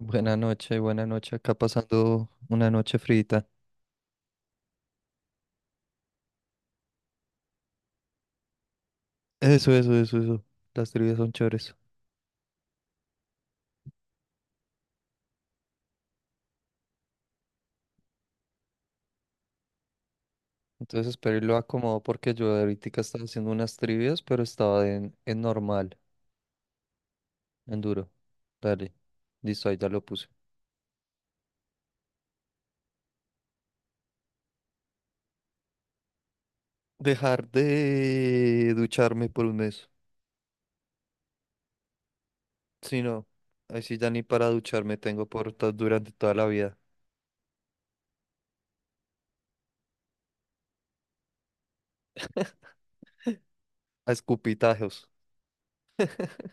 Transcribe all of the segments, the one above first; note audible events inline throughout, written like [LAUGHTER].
Buenas noches, buenas noches. Acá pasando una noche frita. Eso, eso, eso, eso. Las trivias son chéveres. Entonces, espero y lo acomodo porque yo ahorita estaba haciendo unas trivias, pero estaba en normal, en duro. Dale. Listo, ahí ya lo puse. Dejar de ducharme por un mes. Si no, ahí sí ya ni para ducharme tengo por durante toda la vida. A escupitajos. [LAUGHS]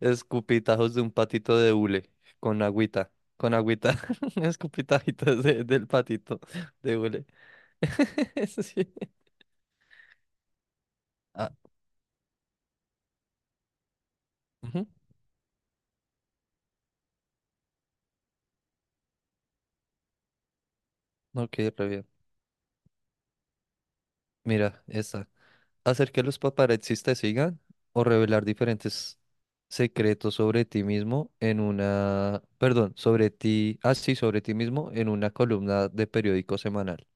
Escupitajos de un patito de hule con agüita, con agüita, [LAUGHS] escupitajitos del patito de hule. [LAUGHS] Sí. Ah, ujú. Ok, re bien. Mira, esta. Hacer que los paparazzis te sigan o revelar diferentes secretos sobre ti mismo en una, perdón, sobre ti, ah, sí, sobre ti mismo en una columna de periódico semanal.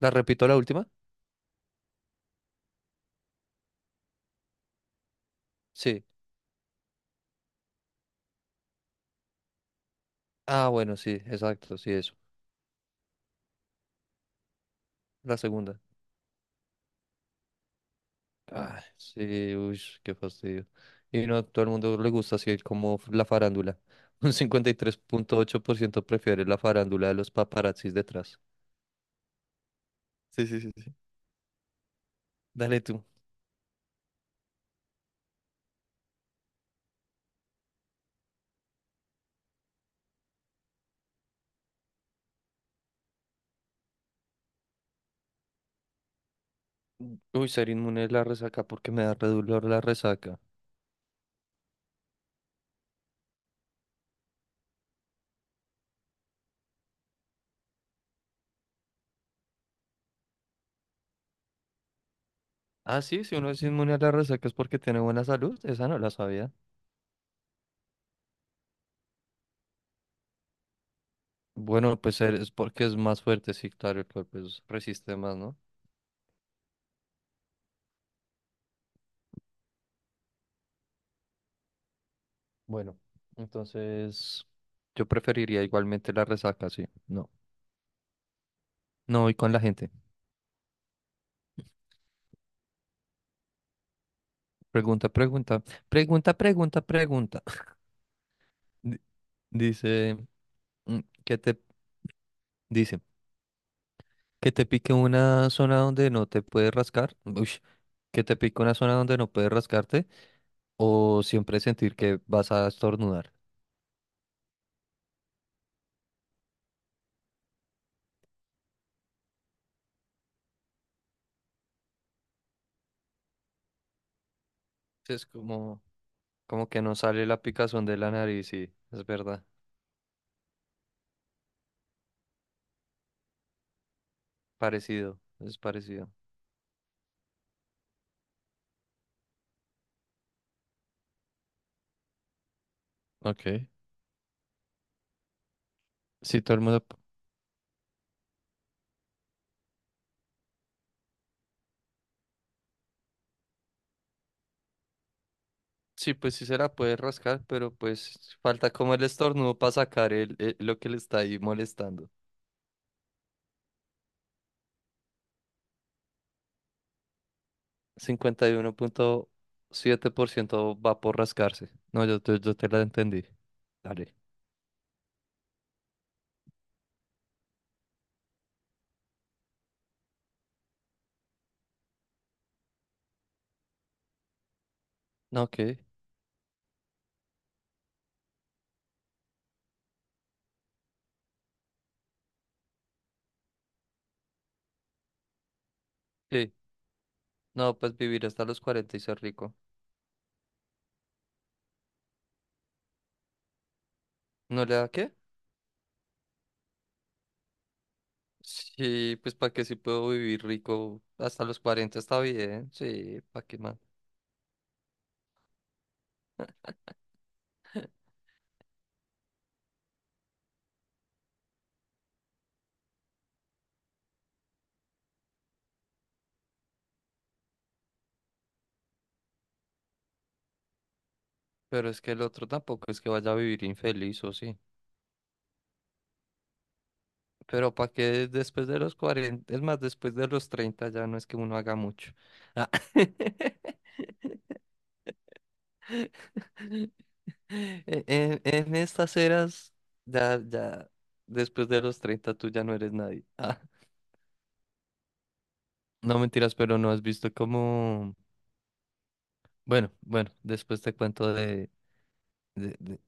¿La repito la última? Sí. Ah, bueno, sí, exacto, sí, eso. La segunda. Ah, sí, uy, qué fastidio. Y no a todo el mundo le gusta así como la farándula. [LAUGHS] Un 53.8% prefiere la farándula de los paparazzis detrás. Sí, sí, sí, sí. Dale tú. Uy, ser inmune a la resaca porque me da re dolor la resaca. Ah, sí, si uno es inmune a la resaca es porque tiene buena salud. Esa no la sabía. Bueno, pues es porque es más fuerte, sí, claro, el cuerpo resiste más, ¿no? Bueno, entonces yo preferiría igualmente la resaca, sí. No, no voy con la gente. Pregunta, pregunta, pregunta, pregunta, pregunta. [LAUGHS] Di- Dice, mm, que te, dice, que te pique una zona donde no te puedes rascar, ush, que te pique una zona donde no puedes rascarte, o siempre sentir que vas a estornudar. Sí, es como, como que no sale la picazón de la nariz, sí, es verdad, parecido, es parecido. Ok, sí, todo el mundo, sí, pues sí se la puede rascar, pero pues falta como el estornudo para sacar el, lo que le está ahí molestando. 51.7% va por rascarse. No, yo te la entendí. Dale. No, qué. Sí. No, pues vivir hasta los 40 y ser rico. ¿No le da qué? Sí, pues para qué si puedo vivir rico hasta los 40 está bien. Sí, para qué más. Pero es que el otro tampoco es que vaya a vivir infeliz o sí. Pero para qué después de los 40, es más, después de los 30 ya no es que uno haga mucho. Ah. [LAUGHS] En estas eras, ya, ya, después de los 30 tú ya no eres nadie. [LAUGHS] Ah, no mentiras, pero no has visto cómo... Bueno, bueno, después te cuento de... de- de-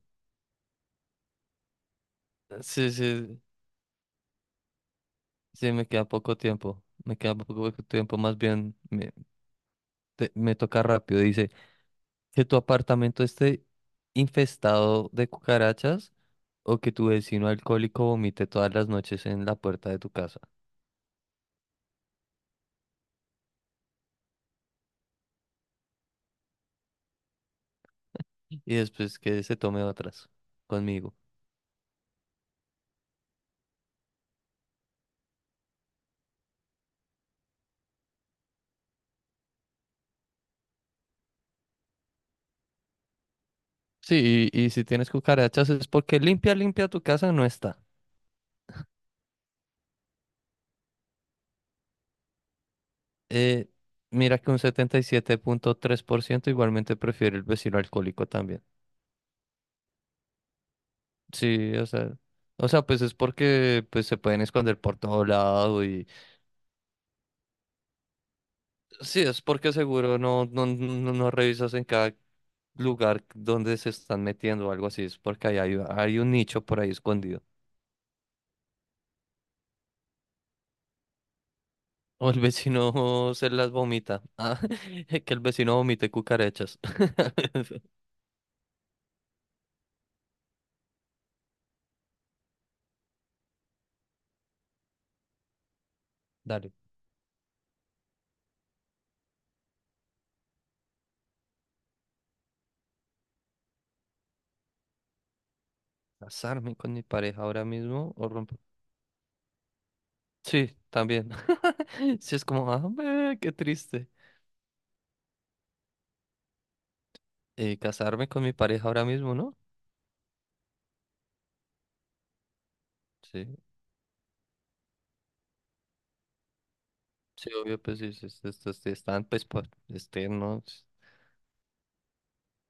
Sí, sí, sí, me queda poco tiempo. Me queda poco tiempo, más bien me, me toca rápido. Dice, que tu apartamento esté infestado de cucarachas o que tu vecino alcohólico vomite todas las noches en la puerta de tu casa y después que se tome otras conmigo. Sí, y si tienes cucarachas es porque limpia, limpia tu casa no está. Eh, mira que un 77.3% igualmente prefiere el vecino alcohólico también. Sí, o sea, pues es porque pues se pueden esconder por todo lado y sí, es porque seguro no, no, no, no revisas en cada lugar donde se están metiendo o algo así, es porque ahí hay, hay un nicho por ahí escondido. [LAUGHS] O el vecino se las vomita. Ah, [LAUGHS] que el vecino vomite cucarachas. [LAUGHS] Dale. ¿Casarme con mi pareja ahora mismo o romper? Sí, también. [LAUGHS] Sí, es como, ah, ve, qué triste. ¿Casarme con mi pareja ahora mismo, no? Sí, sí, obvio, pues sí, sí, sí, sí, sí, están, pues, este, no.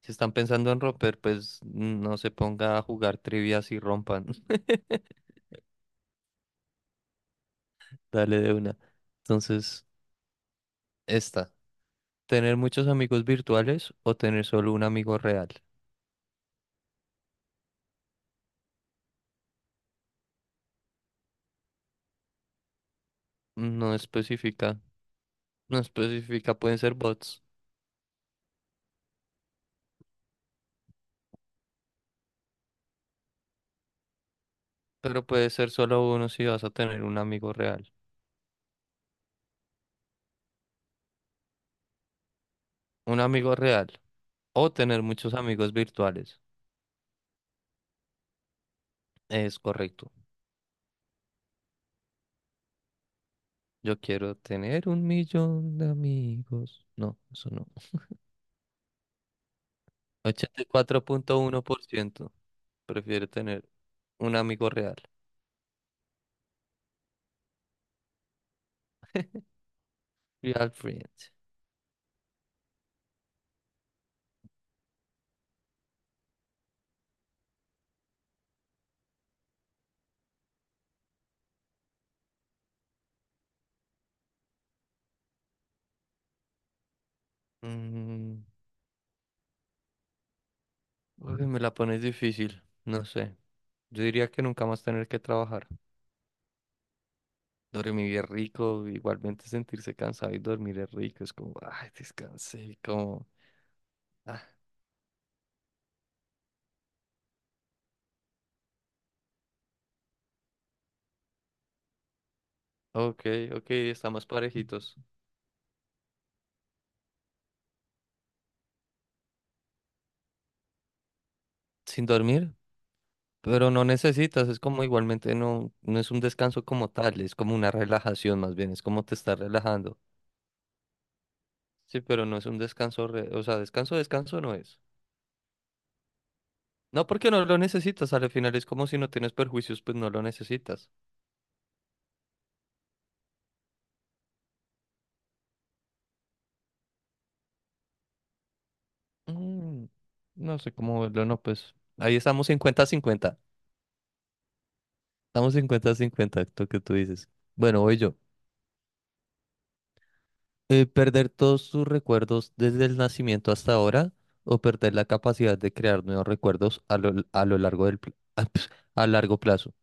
Si están pensando en romper, pues no se ponga a jugar trivias y rompan. [LAUGHS] Dale de una. Entonces, esta. ¿Tener muchos amigos virtuales o tener solo un amigo real? No especifica. No especifica, pueden ser bots. Pero puede ser solo uno si vas a tener un amigo real. Un amigo real. O tener muchos amigos virtuales. Es correcto. Yo quiero tener un millón de amigos. No, eso no. 84.1% prefiere tener un amigo real. Real friend. Mm, uy, me la pones difícil. No sé. Yo diría que nunca más tener que trabajar. Dormir es rico. Igualmente sentirse cansado y dormir es rico. Es como, ay, descansé. Como... Ok, ok, estamos parejitos. Sin dormir, pero no necesitas, es como igualmente no, no es un descanso como tal, es como una relajación más bien, es como te estás relajando. Sí, pero no es un descanso, o sea, descanso, descanso no es. No, porque no lo necesitas, al final es como si no tienes perjuicios, pues no lo necesitas. Mm, no sé cómo verlo, no, pues ahí estamos 50 cincuenta. Estamos 50 cincuenta, lo que tú dices. Bueno, voy yo. Perder todos tus recuerdos desde el nacimiento hasta ahora o perder la capacidad de crear nuevos recuerdos a lo largo [LAUGHS] ah, ps, a largo plazo.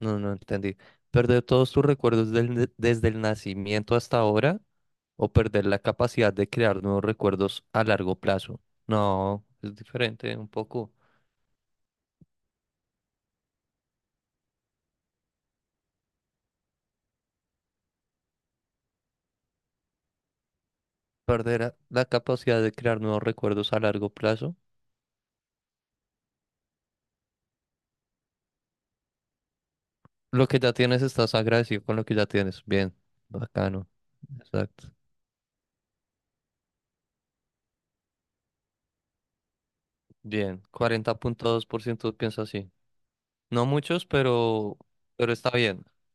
No, no entendí. Perder todos tus recuerdos desde el nacimiento hasta ahora o perder la capacidad de crear nuevos recuerdos a largo plazo. No, es diferente un poco. Perder la capacidad de crear nuevos recuerdos a largo plazo. Lo que ya tienes, estás agradecido con lo que ya tienes. Bien, bacano. Exacto. Bien, 40.2% piensa así. No muchos, pero está bien. [LAUGHS]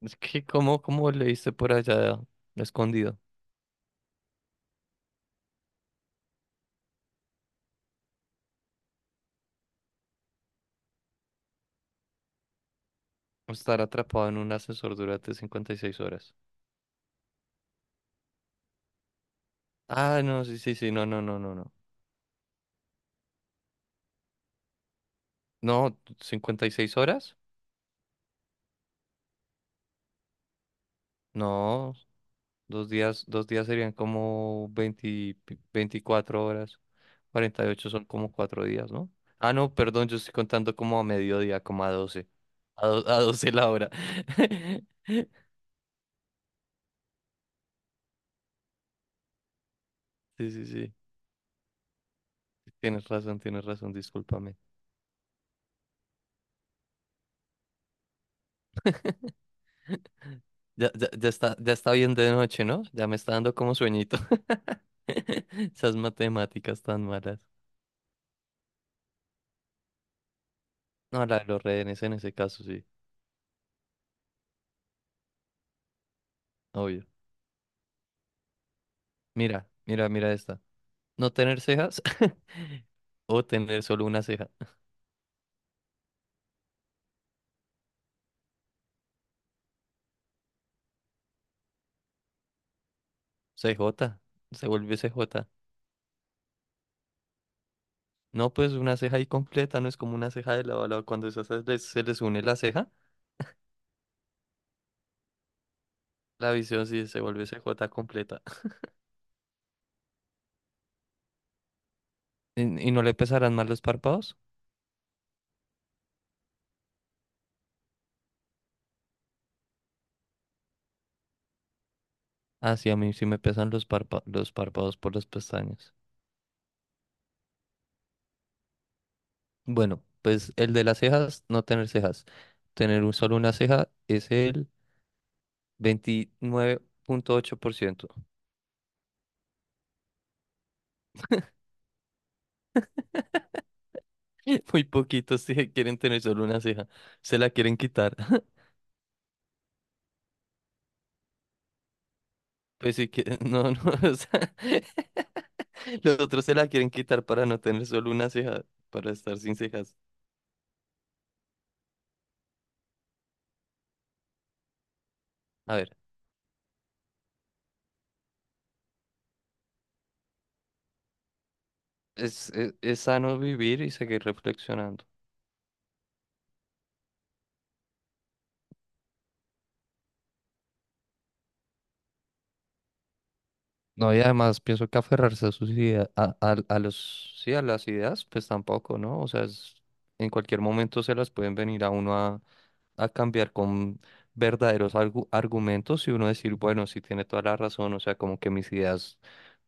Es que, ¿cómo, cómo leíste por allá escondido? Estar atrapado en un ascensor durante 56 horas. Ah, no, sí, sí, sí, no, no, no, no, no. No, ¿56 horas? No, 2 días, 2 días serían como 20, 24 horas. 48 son como 4 días, ¿no? Ah, no, perdón, yo estoy contando como a mediodía, como a 12. A, a 12 la hora. [LAUGHS] Sí, sí, sí. Tienes razón, discúlpame. Ya, ya, ya está bien de noche, ¿no? Ya me está dando como sueñito. [LAUGHS] Esas matemáticas tan malas. No, la de los rehenes en ese caso, sí, obvio. Mira, mira, mira esta. No tener cejas [LAUGHS] o tener solo una ceja. C J se vuelve C J. No, pues una ceja ahí completa, no es como una ceja de lado a lado. Cuando esas se les une la ceja, la visión sí se vuelve C J completa. [LAUGHS] ¿Y, y no le pesarán más los párpados? Ah, sí, a mí sí me pesan los los párpados por las pestañas. Bueno, pues el de las cejas, no tener cejas. Tener un, solo una ceja es el 29.8%. [LAUGHS] Muy poquitos sí quieren tener solo una ceja. Se la quieren quitar. [LAUGHS] Pues sí que, no, no, [LAUGHS] o sea, [LAUGHS] los otros se la quieren quitar para no tener solo una ceja, para estar sin cejas. A ver, es, es sano vivir y seguir reflexionando. No, y además pienso que aferrarse a sus ideas, a, a los, sí, a las ideas, pues tampoco, ¿no? O sea, en cualquier momento se las pueden venir a uno a cambiar con verdaderos argumentos y uno decir, bueno, sí tiene toda la razón, o sea, como que mis ideas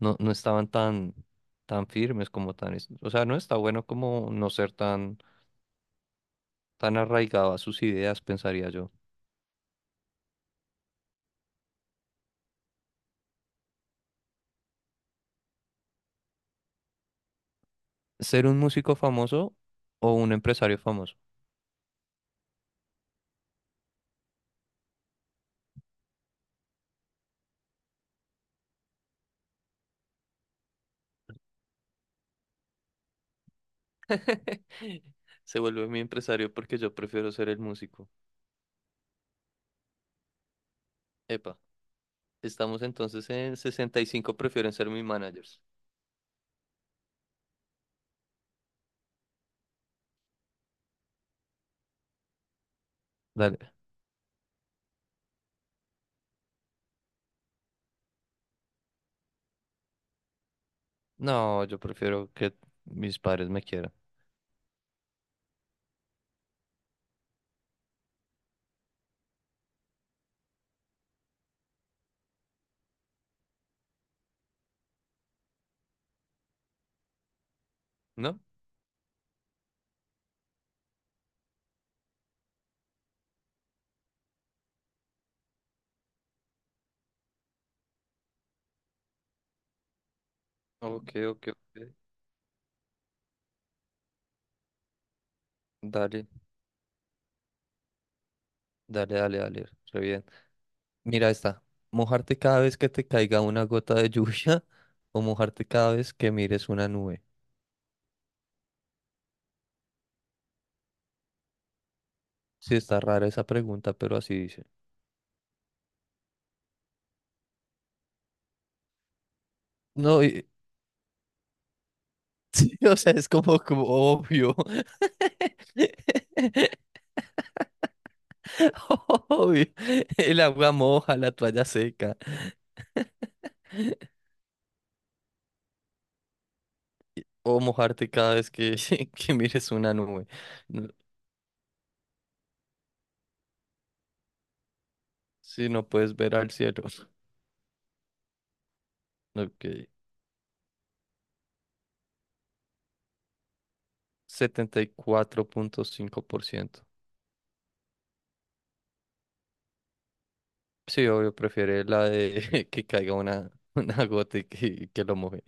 no, no estaban tan, tan firmes como tan, o sea, no está bueno como no ser tan, tan arraigado a sus ideas, pensaría yo. ¿Ser un músico famoso o un empresario famoso? [LAUGHS] Se vuelve mi empresario porque yo prefiero ser el músico. Epa, estamos entonces en 65 prefieren ser mis managers. Dale. No, yo prefiero que mis padres me quieran. ¿No? Ok, ok, ok. Dale, dale, dale, dale. Re bien. Mira esta. Mojarte cada vez que te caiga una gota de lluvia [LAUGHS] o mojarte cada vez que mires una nube. Sí, está rara esa pregunta, pero así dice. No, [LAUGHS] sí, o sea, es como, como obvio. [LAUGHS] [LAUGHS] Obvio. El agua moja la toalla seca o mojarte cada vez que, [LAUGHS] que mires una nube. No- si no puedes ver al cielo. [LAUGHS] Ok. 74.5%. Sí, obvio, prefiere la de [LAUGHS] que caiga una, [LAUGHS] una gota y que lo moje.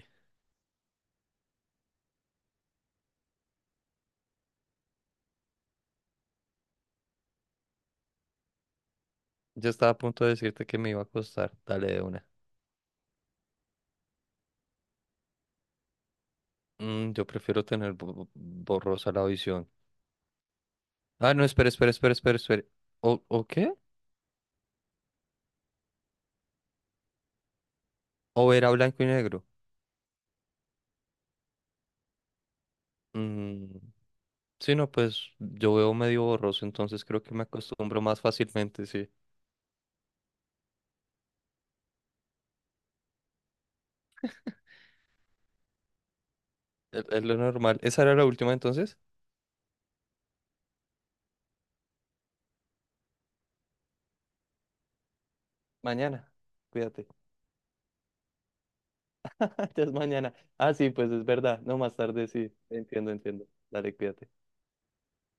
Yo estaba a punto de decirte que me iba a costar. Dale de una. Mm, yo prefiero tener borrosa la visión. Ah, no, espera, espera, espera, espera, espera. O qué? ¿O era blanco y negro? Mm, sí, no, pues yo veo medio borroso, entonces creo que me acostumbro más fácilmente, sí. Es lo normal. ¿Esa era la última entonces? Mañana. Cuídate. [LAUGHS] Ya es mañana. Ah, sí, pues es verdad. No, más tarde sí. Entiendo, entiendo. Dale, cuídate.